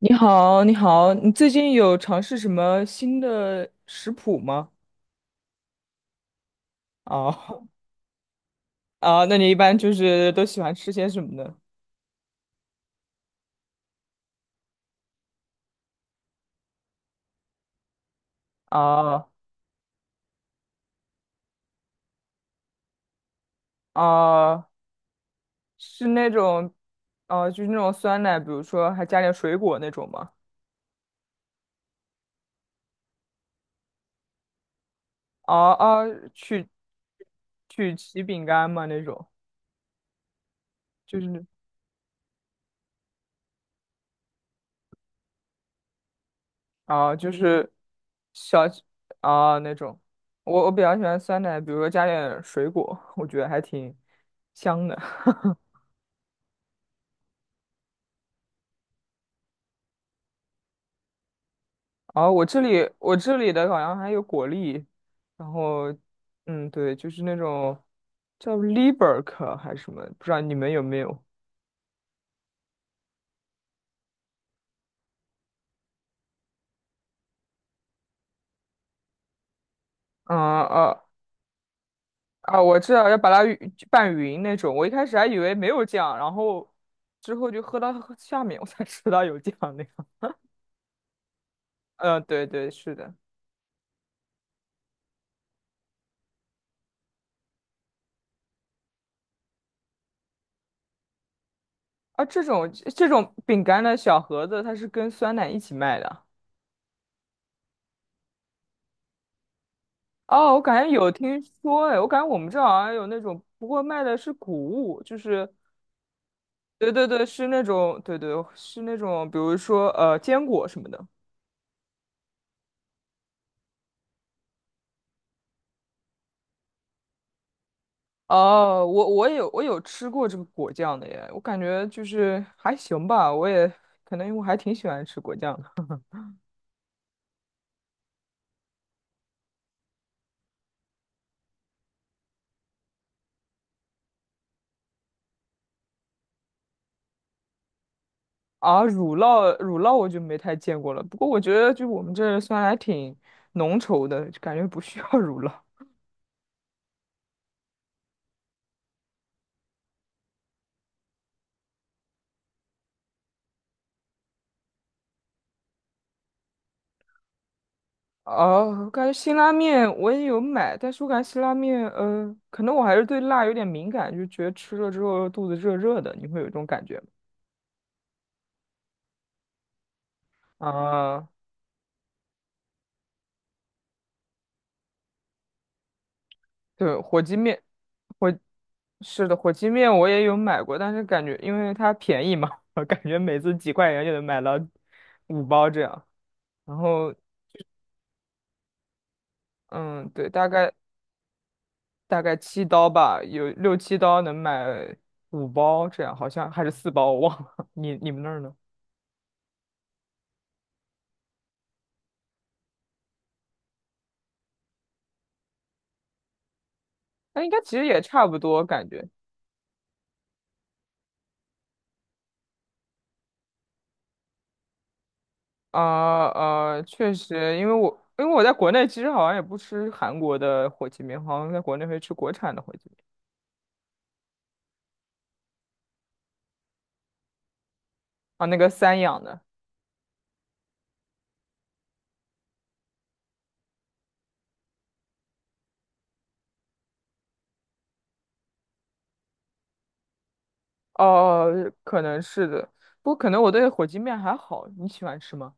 你好，你好，你最近有尝试什么新的食谱吗？哦，啊，那你一般就是都喜欢吃些什么呢？啊啊，是那种，啊，就是那种酸奶，比如说还加点水果那种吗？啊啊，曲曲奇饼干吗？那种，就是啊，就是小啊那种。我比较喜欢酸奶，比如说加点水果，我觉得还挺香的。哦，我这里的好像还有果粒，然后，嗯，对，就是那种叫 Liberk 还是什么，不知道你们有没有？嗯啊啊，我知道要把它拌匀那种。我一开始还以为没有酱，然后之后就喝到下面，我才知道有酱那个。嗯，对对，是的。啊，这种饼干的小盒子，它是跟酸奶一起卖的。哦，我感觉有听说，哎，我感觉我们这好像有那种，不过卖的是谷物，就是对对对，是那种，对对，是那种，比如说坚果什么的。哦，我有吃过这个果酱的耶，我感觉就是还行吧，我也可能因为我还挺喜欢吃果酱的。啊，乳酪我就没太见过了，不过我觉得就我们这儿算还挺浓稠的，就感觉不需要 乳酪。哦，我感觉辛拉面我也有买，但是我感觉辛拉面，可能我还是对辣有点敏感，就觉得吃了之后肚子热热的，你会有这种感觉吗？啊、对，火鸡面，火，是的，火鸡面我也有买过，但是感觉因为它便宜嘛，我感觉每次几块钱就能买到五包这样。然后，嗯，对，大概大概七刀吧，有六七刀能买五包这样，好像还是四包，我忘了。你们那儿呢？那应该其实也差不多，感觉。啊确实，因为我在国内其实好像也不吃韩国的火鸡面，好像在国内会吃国产的火鸡面啊，那个三养的。哦，可能是的，不过可能我对火鸡面还好。你喜欢吃吗？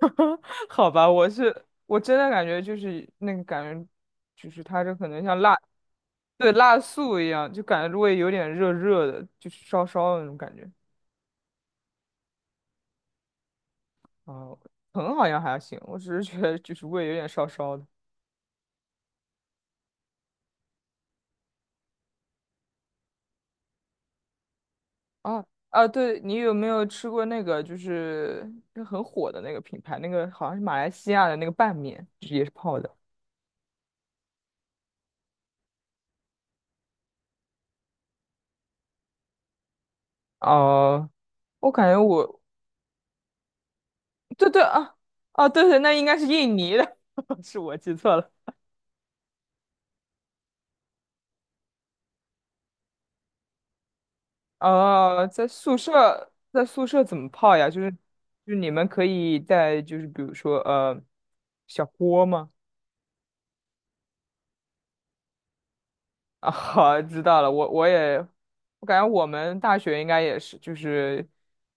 好吧，我是我真的感觉就是那个感觉，就是它这可能像辣，对，辣素一样，就感觉胃有点热热的，就是烧烧的那种感觉。哦，疼好像还行，我只是觉得就是胃有点烧烧的。啊啊，对，你有没有吃过那个就是那很火的那个品牌，那个好像是马来西亚的那个拌面，就是也是泡的。哦、我感觉我对对啊，哦对对，那应该是印尼的，是我记错了。啊。在宿舍，在宿舍怎么泡呀？就是，就是你们可以在就是比如说小锅吗？啊，好，知道了。我也，我感觉我们大学应该也是，就是，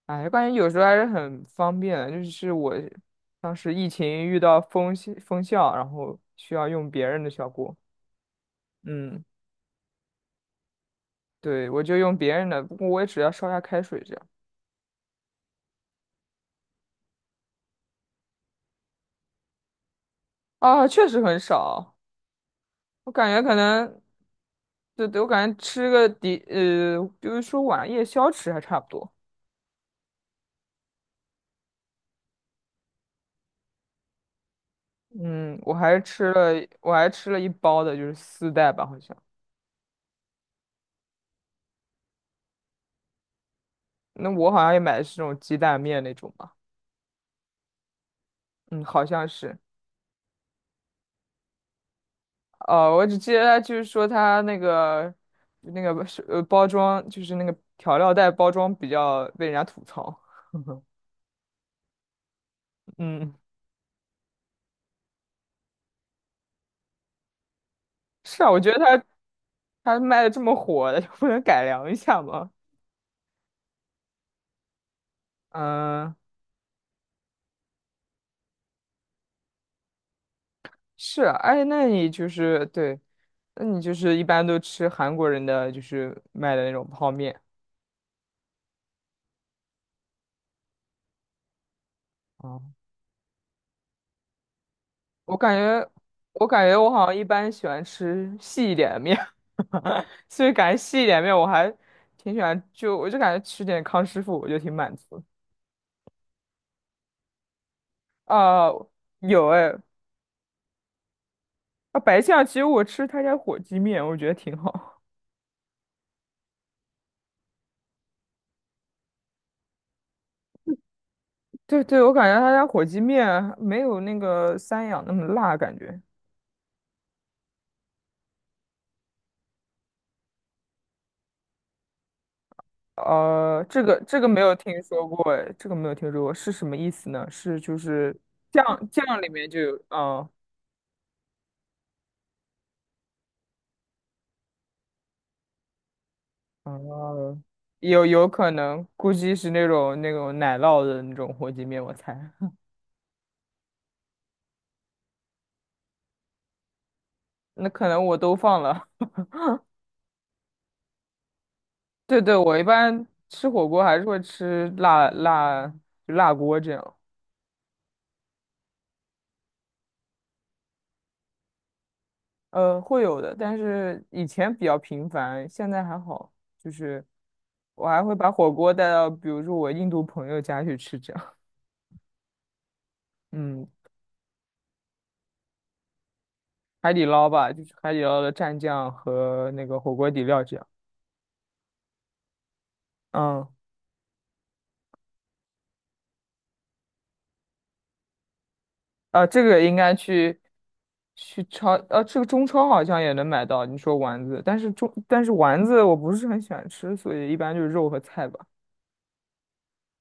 哎，感觉有时候还是很方便的。就是我当时疫情遇到封校，然后需要用别人的小锅。嗯，对，我就用别人的，不过我也只要烧下开水这样。啊，确实很少，我感觉可能，对对，我感觉吃个底，就是说晚夜宵吃还差不多。嗯，我还吃了，我还吃了一包的，就是丝带吧，好像。那我好像也买的是那种鸡蛋面那种吧，嗯，好像是。哦，我只记得他就是说他那个那个是包装，就是那个调料袋包装比较被人家吐槽。嗯，是啊，我觉得他他卖的这么火，就不能改良一下吗？嗯。是啊，哎，那你就是对，那你就是一般都吃韩国人的就是卖的那种泡面啊。我感觉，我感觉我好像一般喜欢吃细一点的面，所以感觉细一点面我还挺喜欢，就我就感觉吃点康师傅我就挺满足的。啊，有哎，啊白象其实我吃他家火鸡面，我觉得挺好。对对，我感觉他家火鸡面没有那个三养那么辣，感觉。这个没有听说过，哎，这个没有听说过，是什么意思呢？是就是酱里面就有，嗯嗯，有可能，估计是那种奶酪的那种火鸡面，我猜。那可能我都放了。对对，我一般吃火锅还是会吃辣就辣锅这样，会有的，但是以前比较频繁，现在还好，就是我还会把火锅带到比如说我印度朋友家去吃这样，嗯。海底捞吧，就是海底捞的蘸酱和那个火锅底料酱。嗯，啊，这个应该去去超，这个中超好像也能买到。你说丸子，但是中但是丸子我不是很喜欢吃，所以一般就是肉和菜吧。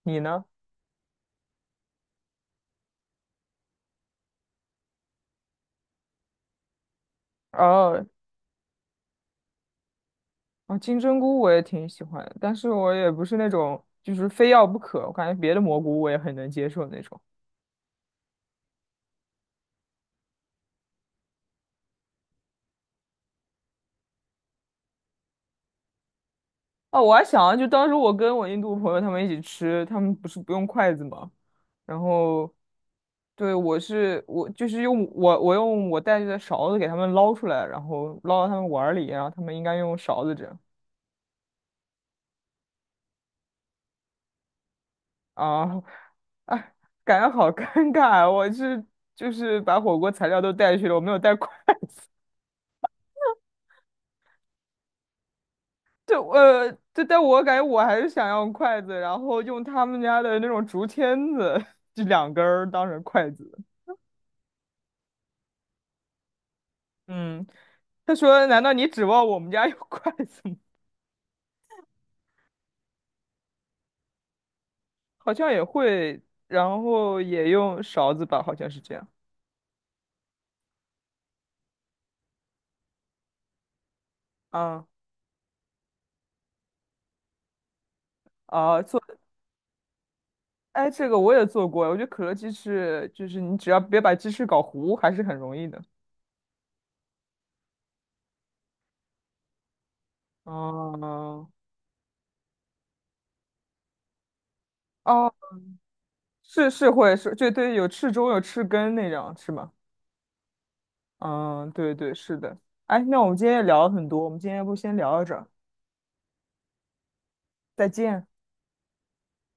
你呢？哦，啊，金针菇我也挺喜欢的但是我也不是那种就是非要不可。我感觉别的蘑菇我也很能接受那种。哦，我还想，就当时我跟我印度朋友他们一起吃，他们不是不用筷子吗？然后对，我就是用我带着的勺子给他们捞出来，然后捞到他们碗儿里，然后他们应该用勺子这样啊，哎，感觉好尴尬，我是就是把火锅材料都带去了，我没有带筷子，就就但我感觉我还是想要筷子，然后用他们家的那种竹签子，就两根儿当成筷子。嗯，他说：“难道你指望我们家有 筷子吗？好像也会，然后也用勺子吧，好像是这样。”嗯，啊，做，哎，这个我也做过，我觉得可乐鸡翅就是你只要别把鸡翅搞糊，还是很容易的。哦，哦，是会是，对对，有翅中有翅根那种是吗？嗯，对对是的。哎，那我们今天也聊了很多，我们今天要不先聊到这儿，再见。